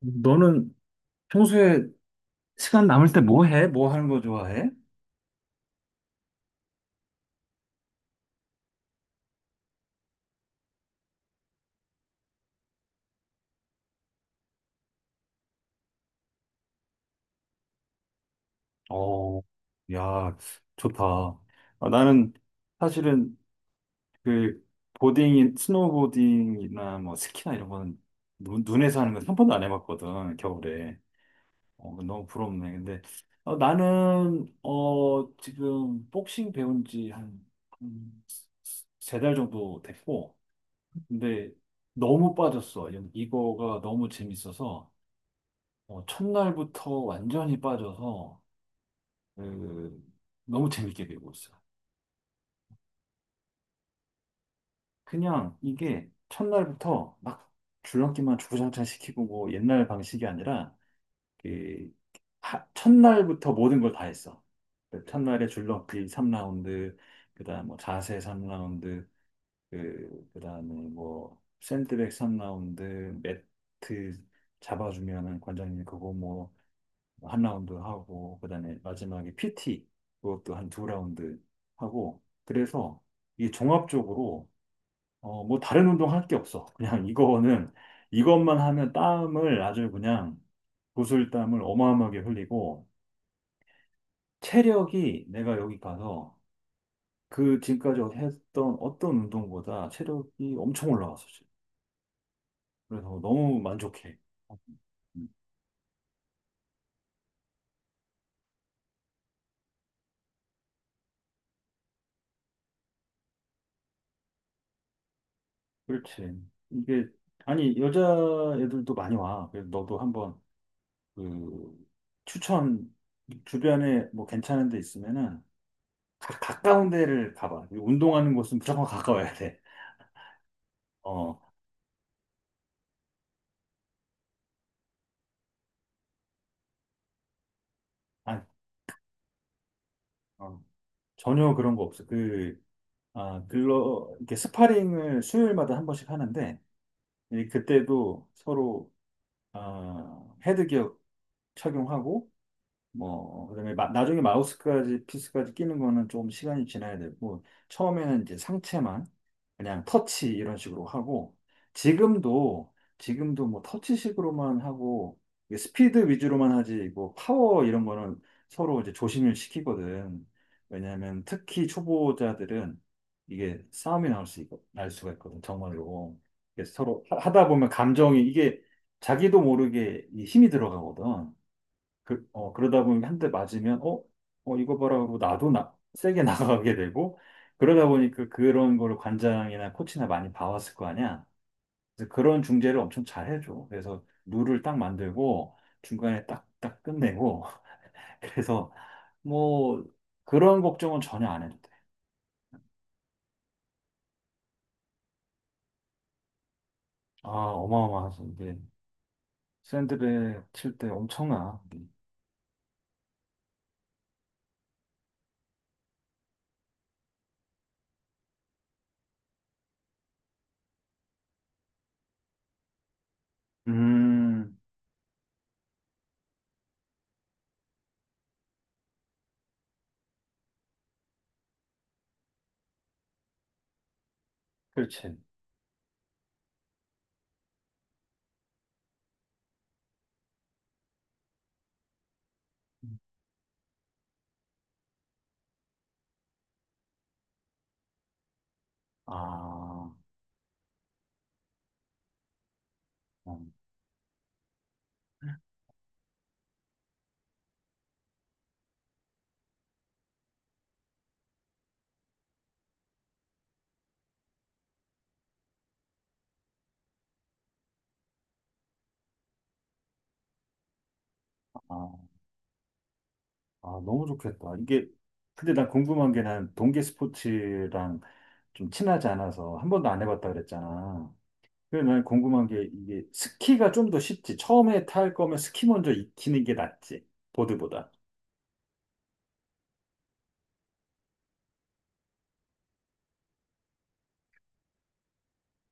너는 평소에 시간 남을 때 뭐 해? 뭐 하는 거 좋아해? 어, 야, 좋다. 아, 나는 사실은 그 보딩인 스노우보딩이나 뭐 스키나 이런 거는 눈에서 하는 건 한 번도 안 해봤거든, 겨울에. 어, 너무 부럽네. 근데 어, 나는 어, 지금 복싱 배운 지 한 세 달 정도 됐고, 근데 너무 빠졌어. 이거가 너무 재밌어서. 어, 첫날부터 완전히 빠져서 그, 너무 재밌게 배우고 있어요. 그냥 이게 첫날부터 막 줄넘기만 주구장창 시키고 뭐 옛날 방식이 아니라 그 첫날부터 모든 걸 다 했어. 그 첫날에 줄넘기 3라운드, 그다음 뭐 자세 3라운드, 그다음에 뭐 샌드백 3라운드, 매트 잡아주면은 관장님 그거 뭐 한 라운드 하고 그다음에 마지막에 PT 그것도 한 두 라운드 하고 그래서 이게 종합적으로 어 뭐 다른 운동 할 게 없어. 그냥 이거는 이것만 하면 땀을 아주 그냥 구슬땀을 어마어마하게 흘리고 체력이 내가 여기 가서 그 지금까지 했던 어떤 운동보다 체력이 엄청 올라왔어 지금. 그래서 너무 만족해. 음, 그렇지. 이게 아니 여자애들도 많이 와. 그래서 너도 한번 그 추천, 주변에 뭐 괜찮은 데 있으면은 가까운 데를 가봐. 운동하는 곳은 무조건 가까워야 돼. 어, 아, 어, 전혀 그런 거 없어. 그, 아, 글로, 이렇게 스파링을 수요일마다 한 번씩 하는데, 이 그때도 서로, 아, 헤드기어 착용하고, 뭐 어, 그다음에 나중에 마우스까지 피스까지 끼는 거는 조금 시간이 지나야 되고 처음에는 이제 상체만 그냥 터치 이런 식으로 하고 지금도 뭐 터치식으로만 하고 이게 스피드 위주로만 하지 뭐 파워 이런 거는 서로 이제 조심을 시키거든. 왜냐하면 특히 초보자들은 이게 싸움이 나올 수 있고 날 수가 있거든, 정말로. 그래서 서로 하다 보면 감정이 이게 자기도 모르게 이 힘이 들어가거든. 그, 어, 그러다 보니 한 대 맞으면, 어, 어, 이거 봐라 하고 나도 나, 세게 나가게 되고, 그러다 보니까 그런 거를 관장이나 코치나 많이 봐왔을 거 아니야. 그래서 그런 중재를 엄청 잘 해줘. 그래서 룰을 딱 만들고, 중간에 딱 끝내고, 그래서 뭐, 그런 걱정은 전혀 안 해도 돼. 아, 어마어마하지. 이게 샌드백 칠 때 엄청나. 음, 그렇지. 아, 음, 아. 아, 너무 좋겠다. 이게, 근데 난 궁금한 게 난 동계 스포츠랑 좀 친하지 않아서 한 번도 안 해봤다 그랬잖아. 그래서 난 궁금한 게 이게 스키가 좀 더 쉽지. 처음에 탈 거면 스키 먼저 익히는 게 낫지. 보드보다.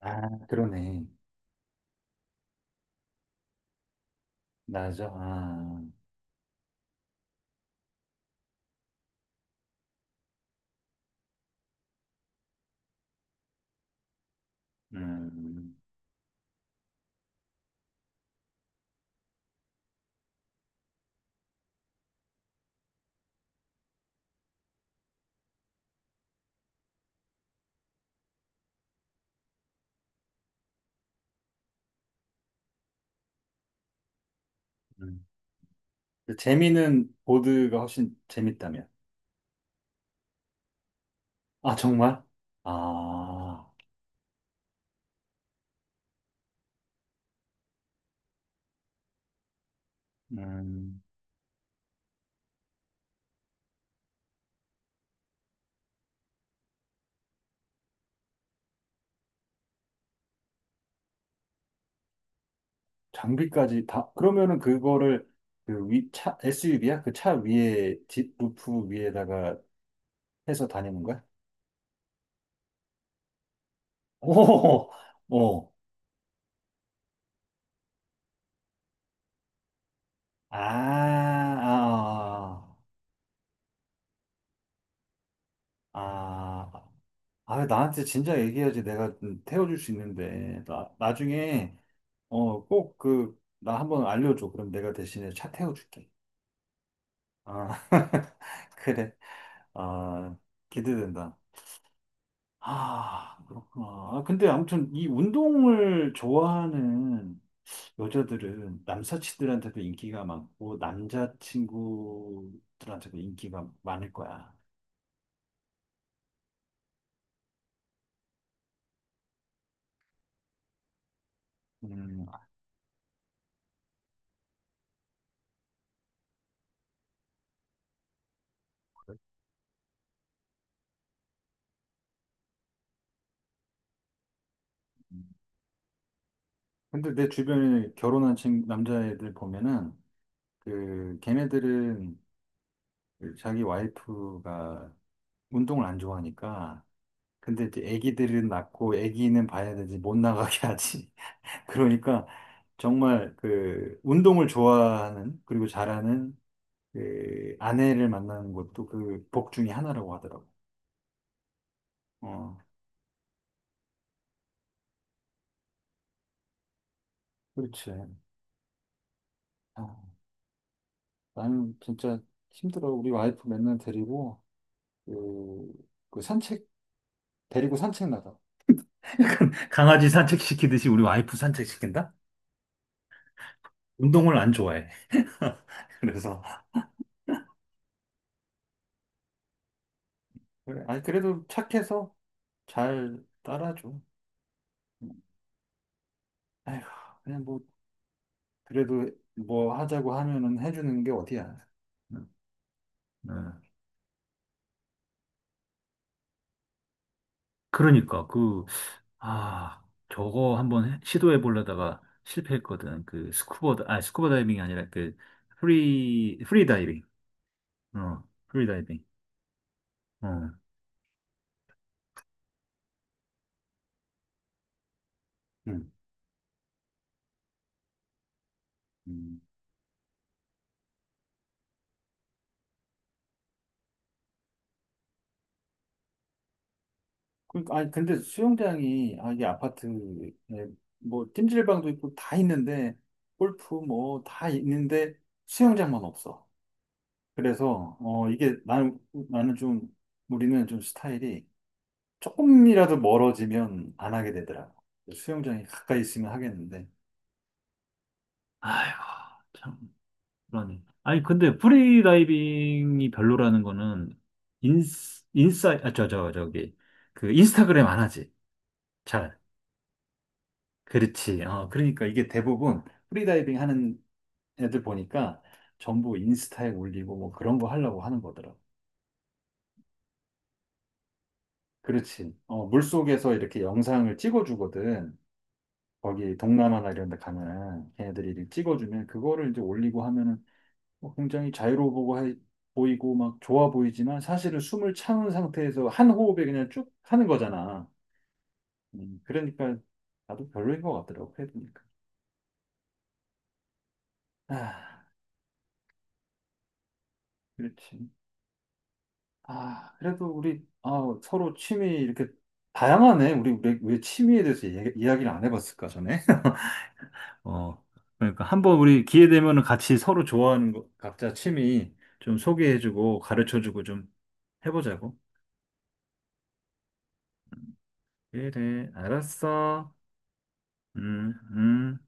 아, 그러네. 나죠? 아, 음, 음. 근데 재미는 보드가 훨씬 재밌다면. 아, 정말? 아, 음. 장비까지 다, 그러면은 그거를 그 위, 차, SUV야? 그 차 위에, 뒷루프 위에다가 해서 다니는 거야? 오, 오, 아, 아, 아, 아, 나한테 진작 얘기해야지 내가 태워줄 수 있는데. 나, 나중에, 어, 꼭 그, 나 한번 알려줘. 그럼 내가 대신에 차 태워줄게. 아, 그래. 아, 기대된다. 아, 그렇구나. 아, 근데 아무튼 이 운동을 좋아하는 여자들은 남사친들한테도 인기가 많고 남자친구들한테도 인기가 많을 거야. 음. 근데 내 주변에 결혼한 친 남자애들 보면은 그 걔네들은 그 자기 와이프가 운동을 안 좋아하니까. 근데 이제 애기들은 낳고 애기는 봐야 되지, 못 나가게 하지. 그러니까 정말 그 운동을 좋아하는 그리고 잘하는 그 아내를 만나는 것도 그 복 중에 하나라고 하더라고. 어, 그렇지. 아, 나는 진짜 힘들어. 우리 와이프 맨날 데리고 그, 그 산책 데리고 산책 나가. 약간 강아지 산책시키듯이 우리 와이프 산책시킨다? 운동을 안 좋아해. 그래서 그래. 아니 그래도 착해서 잘 따라줘. 아휴, 그냥 뭐 그래도 뭐 하자고 하면은 해주는 게 어디야. 응. 네. 그러니까 그, 아, 저거 한번 시도해 보려다가 실패했거든. 그 스쿠버, 아, 스쿠버 다이빙이 아니라 그 프리 다이빙. 어, 프리 다이빙. 어. 음. 음. 그러니까 아니 근데 수영장이 아, 이게 아파트에 뭐 찜질방도 있고 다 있는데 골프 뭐 다 있는데 수영장만 없어. 그래서 어 이게 나는 나는 좀 우리는 좀 스타일이 조금이라도 멀어지면 안 하게 되더라고. 수영장이 가까이 있으면 하겠는데. 아이고, 참, 불안해. 아니, 근데 프리다이빙이 별로라는 거는, 인스, 인싸, 아, 저, 저, 저기, 그, 인스타그램 안 하지. 잘. 그렇지. 어, 그러니까 이게 대부분 프리다이빙 하는 애들 보니까 전부 인스타에 올리고 뭐 그런 거 하려고 하는 거더라고. 그렇지. 어, 물속에서 이렇게 영상을 찍어주거든. 거기 동남아나 이런 데 가면은 걔네들이 이렇게 찍어주면 그거를 이제 올리고 하면은 뭐 굉장히 자유로워 보고 보이고 막 좋아 보이지만 사실은 숨을 참은 상태에서 한 호흡에 그냥 쭉 하는 거잖아. 그러니까 나도 별로인 것 같더라고 해보니까. 아, 그렇지. 아, 그래도 우리 아, 서로 취미 이렇게 다양하네. 우리 왜, 왜 취미에 대해서 이야기를 안 해봤을까 전에? 어, 그러니까 한번 우리 기회 되면은 같이 서로 좋아하는 거, 각자 취미 좀 소개해주고 가르쳐주고 좀 해보자고. 그래, 알았어. 음, 음.